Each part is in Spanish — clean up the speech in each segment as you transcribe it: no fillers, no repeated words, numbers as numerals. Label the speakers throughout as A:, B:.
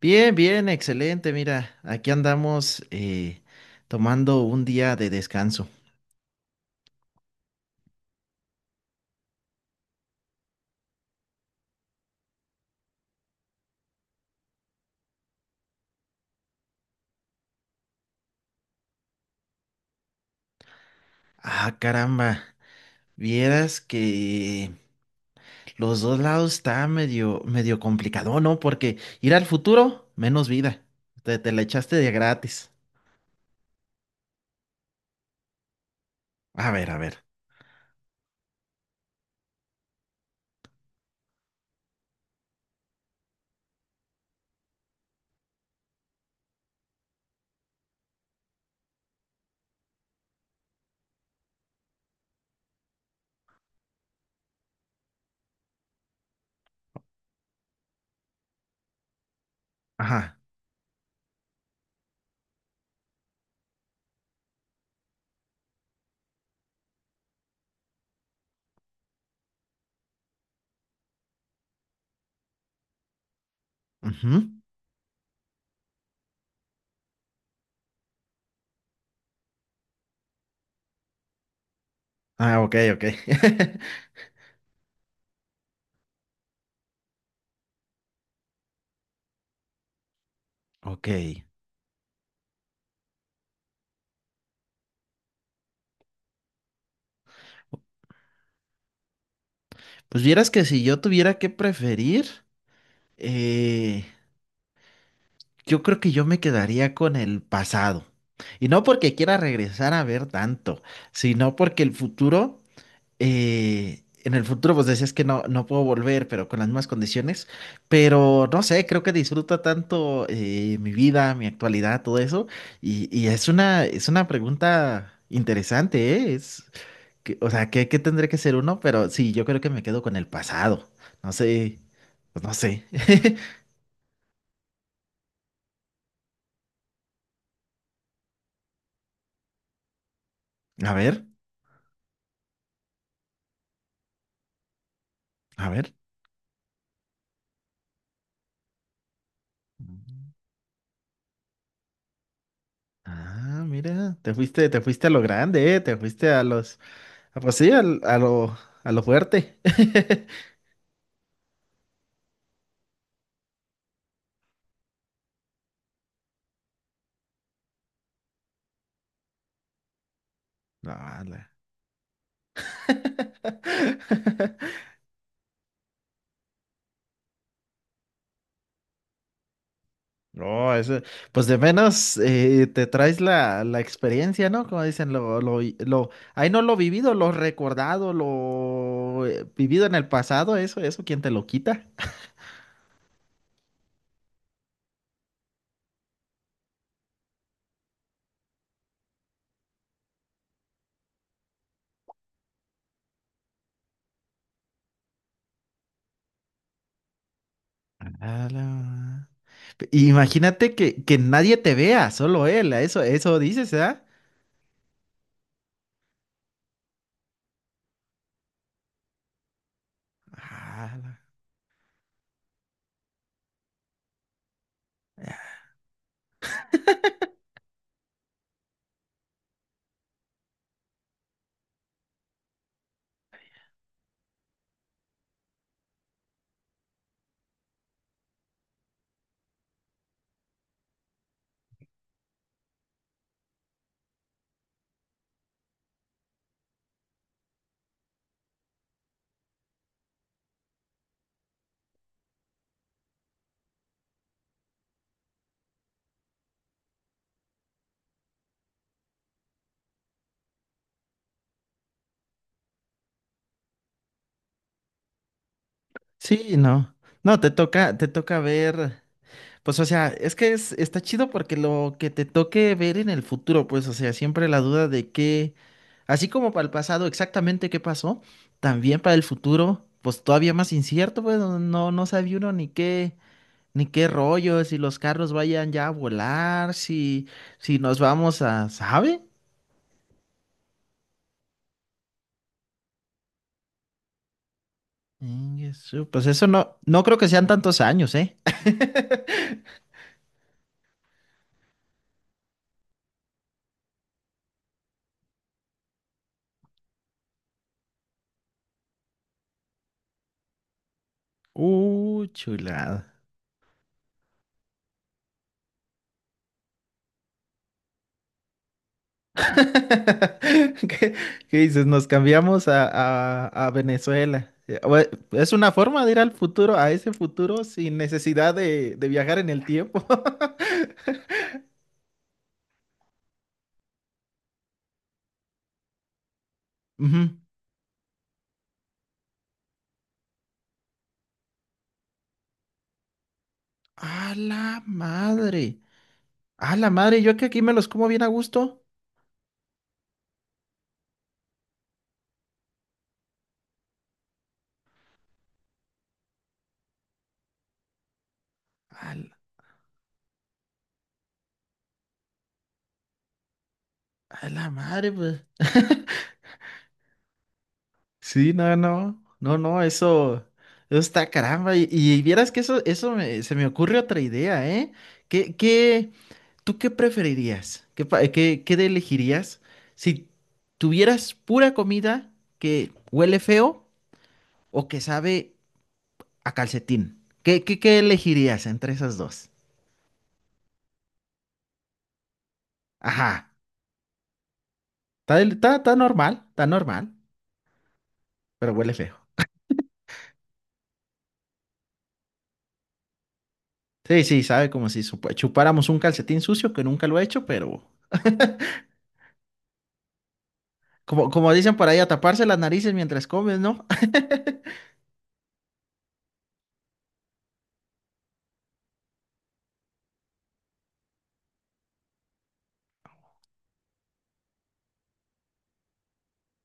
A: Bien, bien, excelente. Mira, aquí andamos tomando un día de descanso. Ah, caramba. Vieras que los dos lados está medio complicado, ¿no? Porque ir al futuro, menos vida. Te la echaste de gratis. A ver, a ver. Ajá. Ujú. Ah, ok, ok. Ok. Pues vieras que si yo tuviera que preferir, eh, yo creo que yo me quedaría con el pasado. Y no porque quiera regresar a ver tanto, sino porque el futuro, en el futuro pues decías que no, no puedo volver, pero con las mismas condiciones. Pero no sé, creo que disfruto tanto mi vida, mi actualidad, todo eso. Y es es una pregunta interesante, ¿eh? O sea, ¿qué, qué tendré que ser uno? Pero sí, yo creo que me quedo con el pasado. No sé, pues no sé. A ver, a ver. Ah, mira, te fuiste a lo grande, te fuiste a ah, pues sí, a a lo fuerte. No, la- no, eso, pues de menos te traes la experiencia, ¿no? Como dicen, ahí no lo vivido, lo recordado, lo vivido en el pasado, eso, ¿quién te lo quita? A la ma- Imagínate que nadie te vea, solo él, eso dices, ¿ah? Sí, no. No, te toca ver. Pues, o sea, está chido porque lo que te toque ver en el futuro, pues, o sea, siempre la duda de qué, así como para el pasado, exactamente qué pasó, también para el futuro, pues todavía más incierto, pues, no, no sabía uno ni qué, ni qué rollo, si los carros vayan ya a volar, si, si nos vamos a, ¿sabe? Pues eso no, no creo que sean tantos años, ¿eh? Chulada. ¿Qué, qué dices? Nos cambiamos a, a Venezuela. Es una forma de ir al futuro, a ese futuro, sin necesidad de viajar en el tiempo. Ujú. A la madre. A la madre, yo que aquí me los como bien a gusto. A la, a la madre, pues. Sí, no, no. No, no, eso está caramba. Y vieras que eso, se me ocurre otra idea, ¿eh? ¿Qué, qué? ¿Tú qué preferirías? ¿Qué, qué elegirías si tuvieras pura comida que huele feo o que sabe a calcetín? ¿Qué, qué, qué elegirías entre esas dos? Ajá. Está, está, está normal, pero huele feo. Sí, sí, sabe como si chupáramos un calcetín sucio que nunca lo he hecho, pero como, como dicen por ahí, a taparse las narices mientras comes, ¿no?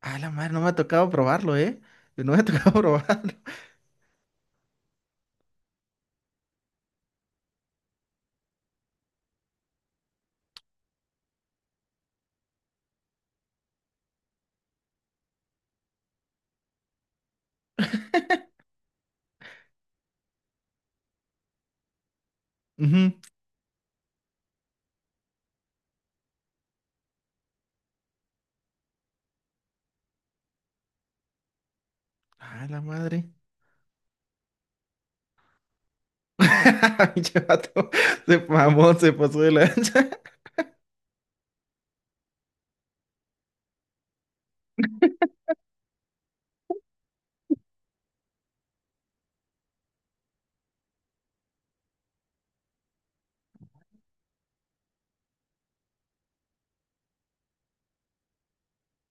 A: Ah, la madre, no me ha tocado probarlo, ¿eh? No me ha tocado probarlo. Ujú. Ah, la madre. Pinche vato, se mamó, se pasó de lanza.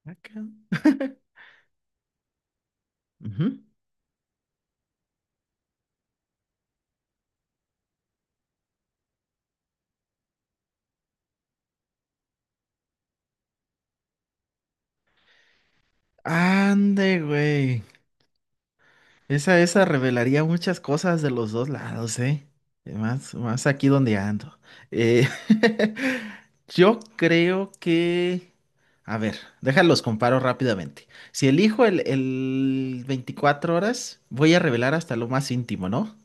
A: Acá. Ujú. Ande, güey. Esa revelaría muchas cosas de los dos lados, ¿eh? Y más, más aquí donde ando. Eh, yo creo que... A ver, déjalos comparo rápidamente. Si elijo el 24 horas, voy a revelar hasta lo más íntimo, ¿no?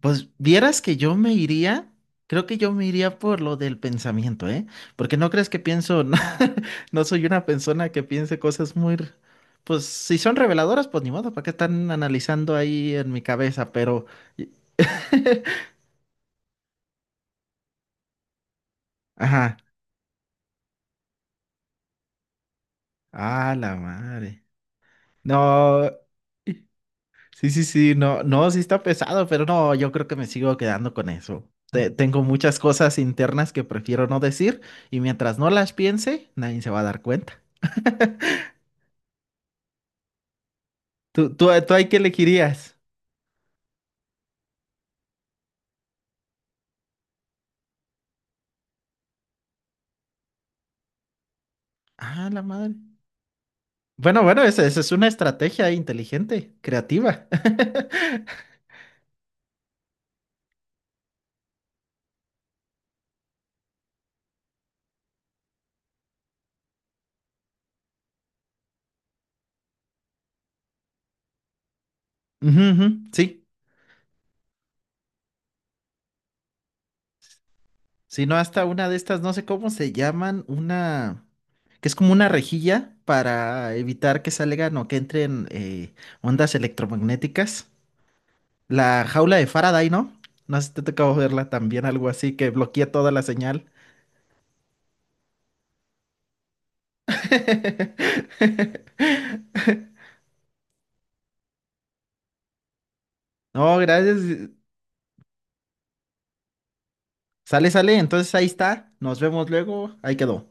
A: Pues vieras que yo me iría, creo que yo me iría por lo del pensamiento, ¿eh? Porque no crees que pienso, no, no soy una persona que piense cosas muy, pues si son reveladoras, pues ni modo, ¿para qué están analizando ahí en mi cabeza? Pero, ajá, a la madre. No, sí, sí, sí, no, no, sí está pesado, pero no, yo creo que me sigo quedando con eso. Tengo muchas cosas internas que prefiero no decir y mientras no las piense, nadie se va a dar cuenta. ¿Tú, tú, tú ahí qué elegirías? Ah, la madre. Bueno, bueno, esa es una estrategia inteligente, creativa. Ujú, ujú, sí, si no, hasta una de estas, no sé cómo se llaman, una que es como una rejilla para evitar que salgan o que entren ondas electromagnéticas. La jaula de Faraday, ¿no? No sé si te tocó verla también, algo así que bloquea toda la señal. No, gracias. Sale, sale, entonces ahí está. Nos vemos luego. Ahí quedó.